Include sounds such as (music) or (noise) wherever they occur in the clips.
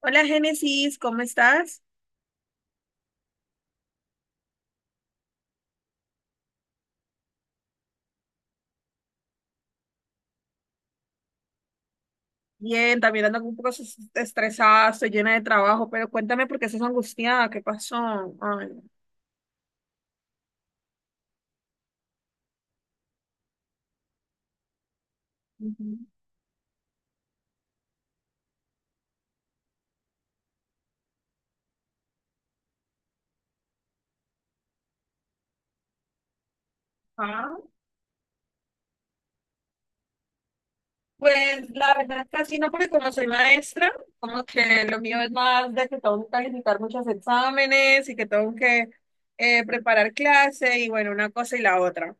Hola Génesis, ¿cómo estás? Bien, también ando un poco estresada, estoy llena de trabajo, pero cuéntame por qué estás angustiada, ¿qué pasó? Ay, ujú. Ah, pues la verdad es que así no, porque como soy maestra, como que lo mío es más de que tengo que calificar muchos exámenes y que tengo que preparar clase y bueno, una cosa y la otra.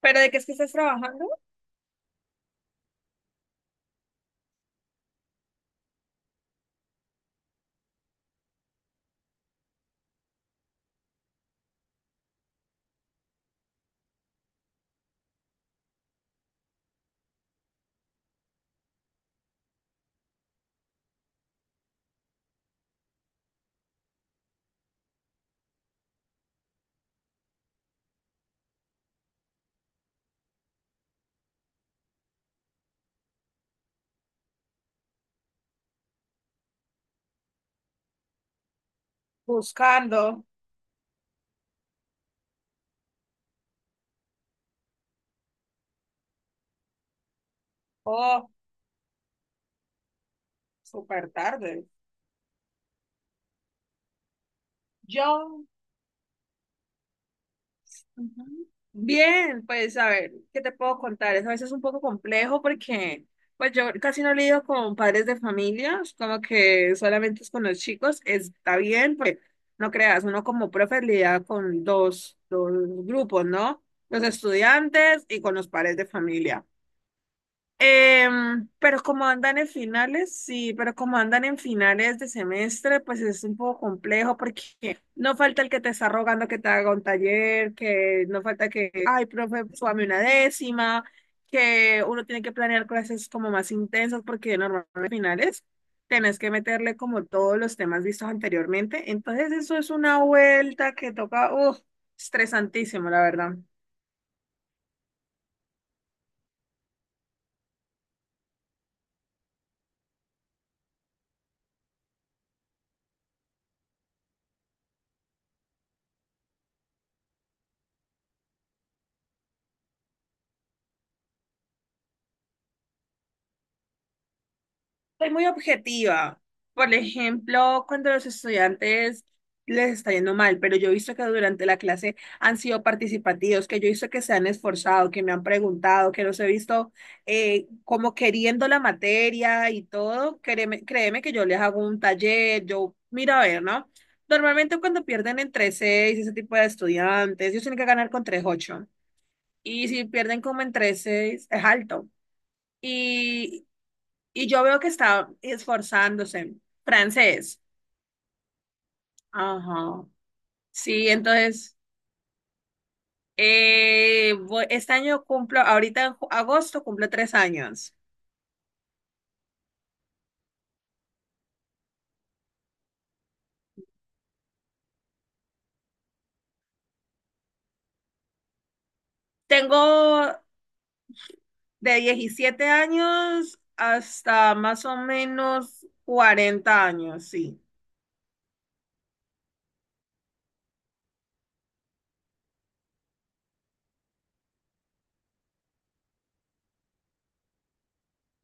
¿Pero de qué es que estás trabajando? Buscando. Oh, súper tarde. Yo. Ujú. Bien, pues a ver, ¿qué te puedo contar? Es a veces un poco complejo porque pues yo casi no lidio con padres de familia, es como que solamente es con los chicos, está bien, pues no creas, uno como profe lidia con dos grupos, ¿no? Los estudiantes y con los padres de familia. Em, pero como andan en finales, Sí, pero como andan en finales de semestre, pues es un poco complejo porque no falta el que te está rogando que te haga un taller, que no falta que, ay, profe, súbame una décima, que uno tiene que planear clases como más intensas porque normalmente en finales tenés que meterle como todos los temas vistos anteriormente. Entonces eso es una vuelta que toca, estresantísimo, la verdad. Soy muy objetiva. Por ejemplo, cuando los estudiantes les está yendo mal, pero yo he visto que durante la clase han sido participativos, que yo he visto que se han esforzado, que me han preguntado, que los he visto como queriendo la materia y todo. Créeme, créeme que yo les hago un taller, yo miro a ver, ¿no? Normalmente cuando pierden entre 6, ese tipo de estudiantes, ellos tienen que ganar con 3.8. Y si pierden como en 3 es alto. Y y yo veo que está esforzándose. Francés. Ajá. Sí, entonces, este año cumplo, ahorita en agosto cumplo 3 años. Tengo de 17 años hasta más o menos 40 años, sí.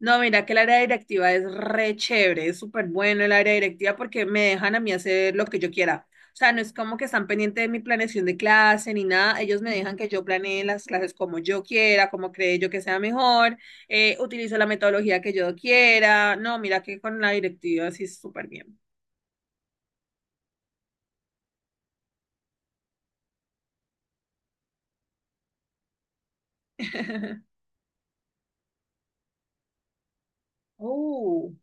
No, mira que el área directiva es re chévere, es súper bueno el área directiva porque me dejan a mí hacer lo que yo quiera. O sea, no es como que están pendientes de mi planeación de clase ni nada, ellos me dejan que yo planee las clases como yo quiera, como cree yo que sea mejor, utilizo la metodología que yo quiera. No, mira que con la directiva sí es súper bien. (laughs) Uh.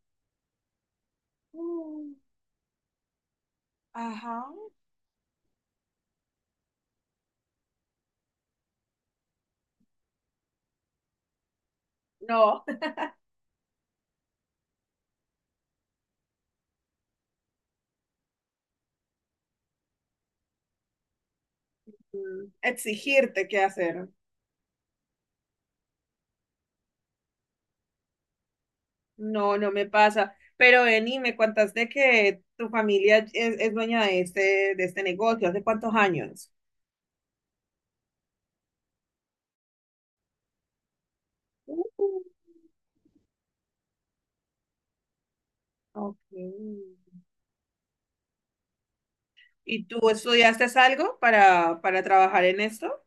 Mm. Ajá. No. (laughs) Exigirte qué hacer. No, no me pasa. Pero Beni, me contaste que tu familia es dueña de este negocio. ¿Hace cuántos años? Uh. Ok. ¿Y tú estudiaste algo para trabajar en esto?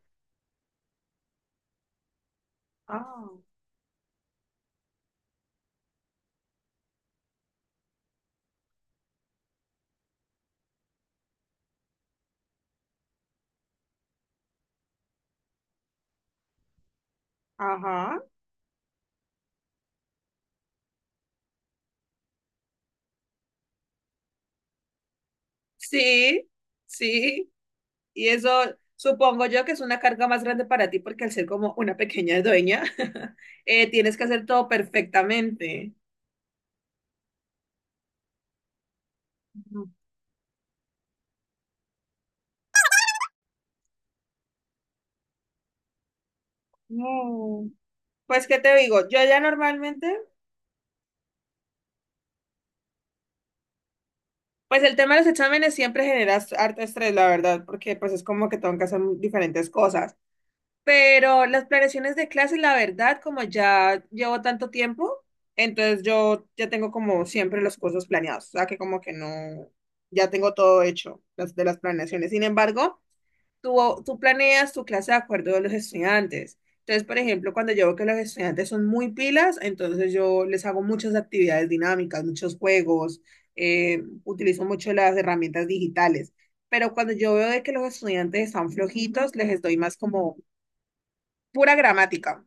Ah, ajá. Sí, sí. Y eso supongo yo que es una carga más grande para ti porque al ser como una pequeña dueña, (laughs) tienes que hacer todo perfectamente. No. No. Pues, ¿qué te digo? Yo ya normalmente. Pues el tema de los exámenes siempre genera harto estrés, la verdad, porque pues es como que tengo que hacer diferentes cosas. Pero las planeaciones de clases, la verdad, como ya llevo tanto tiempo, entonces yo ya tengo como siempre los cursos planeados, o sea que como que no, ya tengo todo hecho las, de las planeaciones. Sin embargo, tú, tú planeas tu clase de acuerdo a los estudiantes. Entonces, por ejemplo, cuando yo veo que los estudiantes son muy pilas, entonces yo les hago muchas actividades dinámicas, muchos juegos, utilizo mucho las herramientas digitales. Pero cuando yo veo de que los estudiantes están flojitos, les doy más como pura gramática.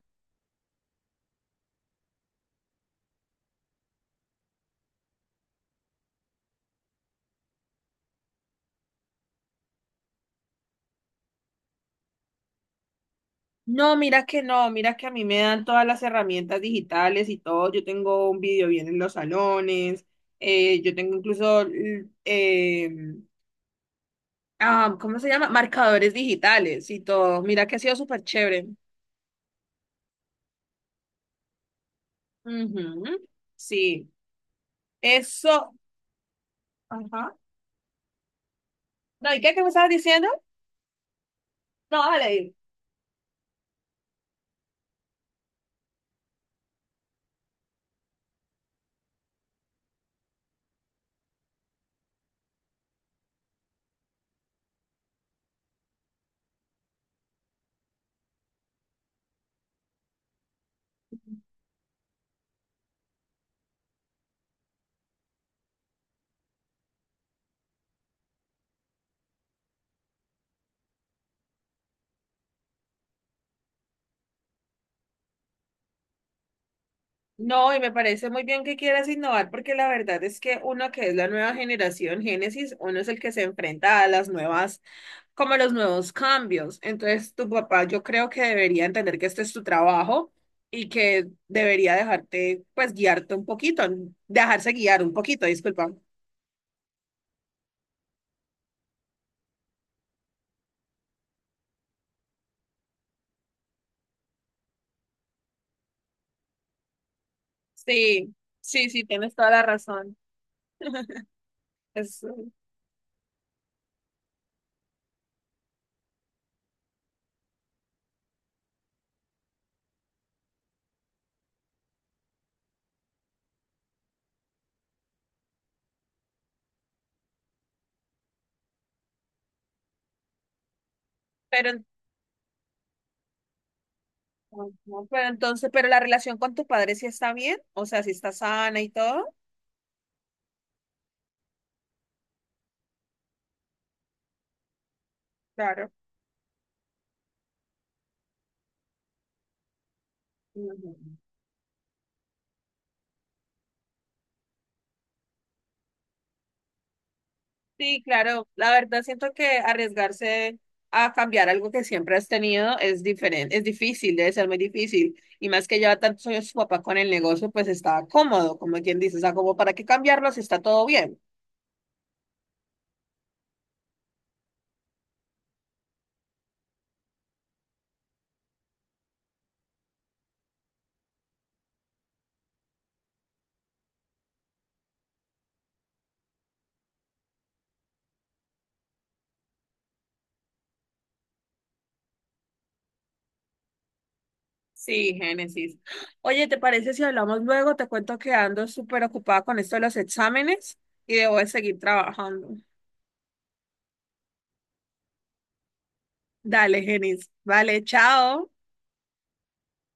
No, mira que no, mira que a mí me dan todas las herramientas digitales y todo. Yo tengo un video bien en los salones, yo tengo incluso eh, ¿cómo se llama? Marcadores digitales y todo. Mira que ha sido súper chévere. Ujú. Sí, eso. Ajá. No, ¿y qué, qué me estabas diciendo? No, dale, dime. No, y me parece muy bien que quieras innovar porque la verdad es que uno que es la nueva generación Génesis, uno es el que se enfrenta a las nuevas, como a los nuevos cambios. Entonces, tu papá yo creo que debería entender que este es tu trabajo y que debería dejarte, pues, guiarte un poquito, dejarse guiar un poquito, disculpa. Sí, sí, sí, tienes toda la razón. Es, pero, en- no, no, pero entonces, la relación con tus padres sí está bien, o sea, si está sana y todo. Claro. Ujú. Sí, claro, la verdad siento que arriesgarse a cambiar algo que siempre has tenido es diferente, es difícil, debe ser muy difícil. Y más que lleva tantos años su papá con el negocio, pues está cómodo, como quien dice, o sea, como para qué cambiarlo si está todo bien. Sí, Génesis. Oye, ¿te parece si hablamos luego? Te cuento que ando súper ocupada con esto de los exámenes y debo de seguir trabajando. Dale, Génesis. Vale, chao.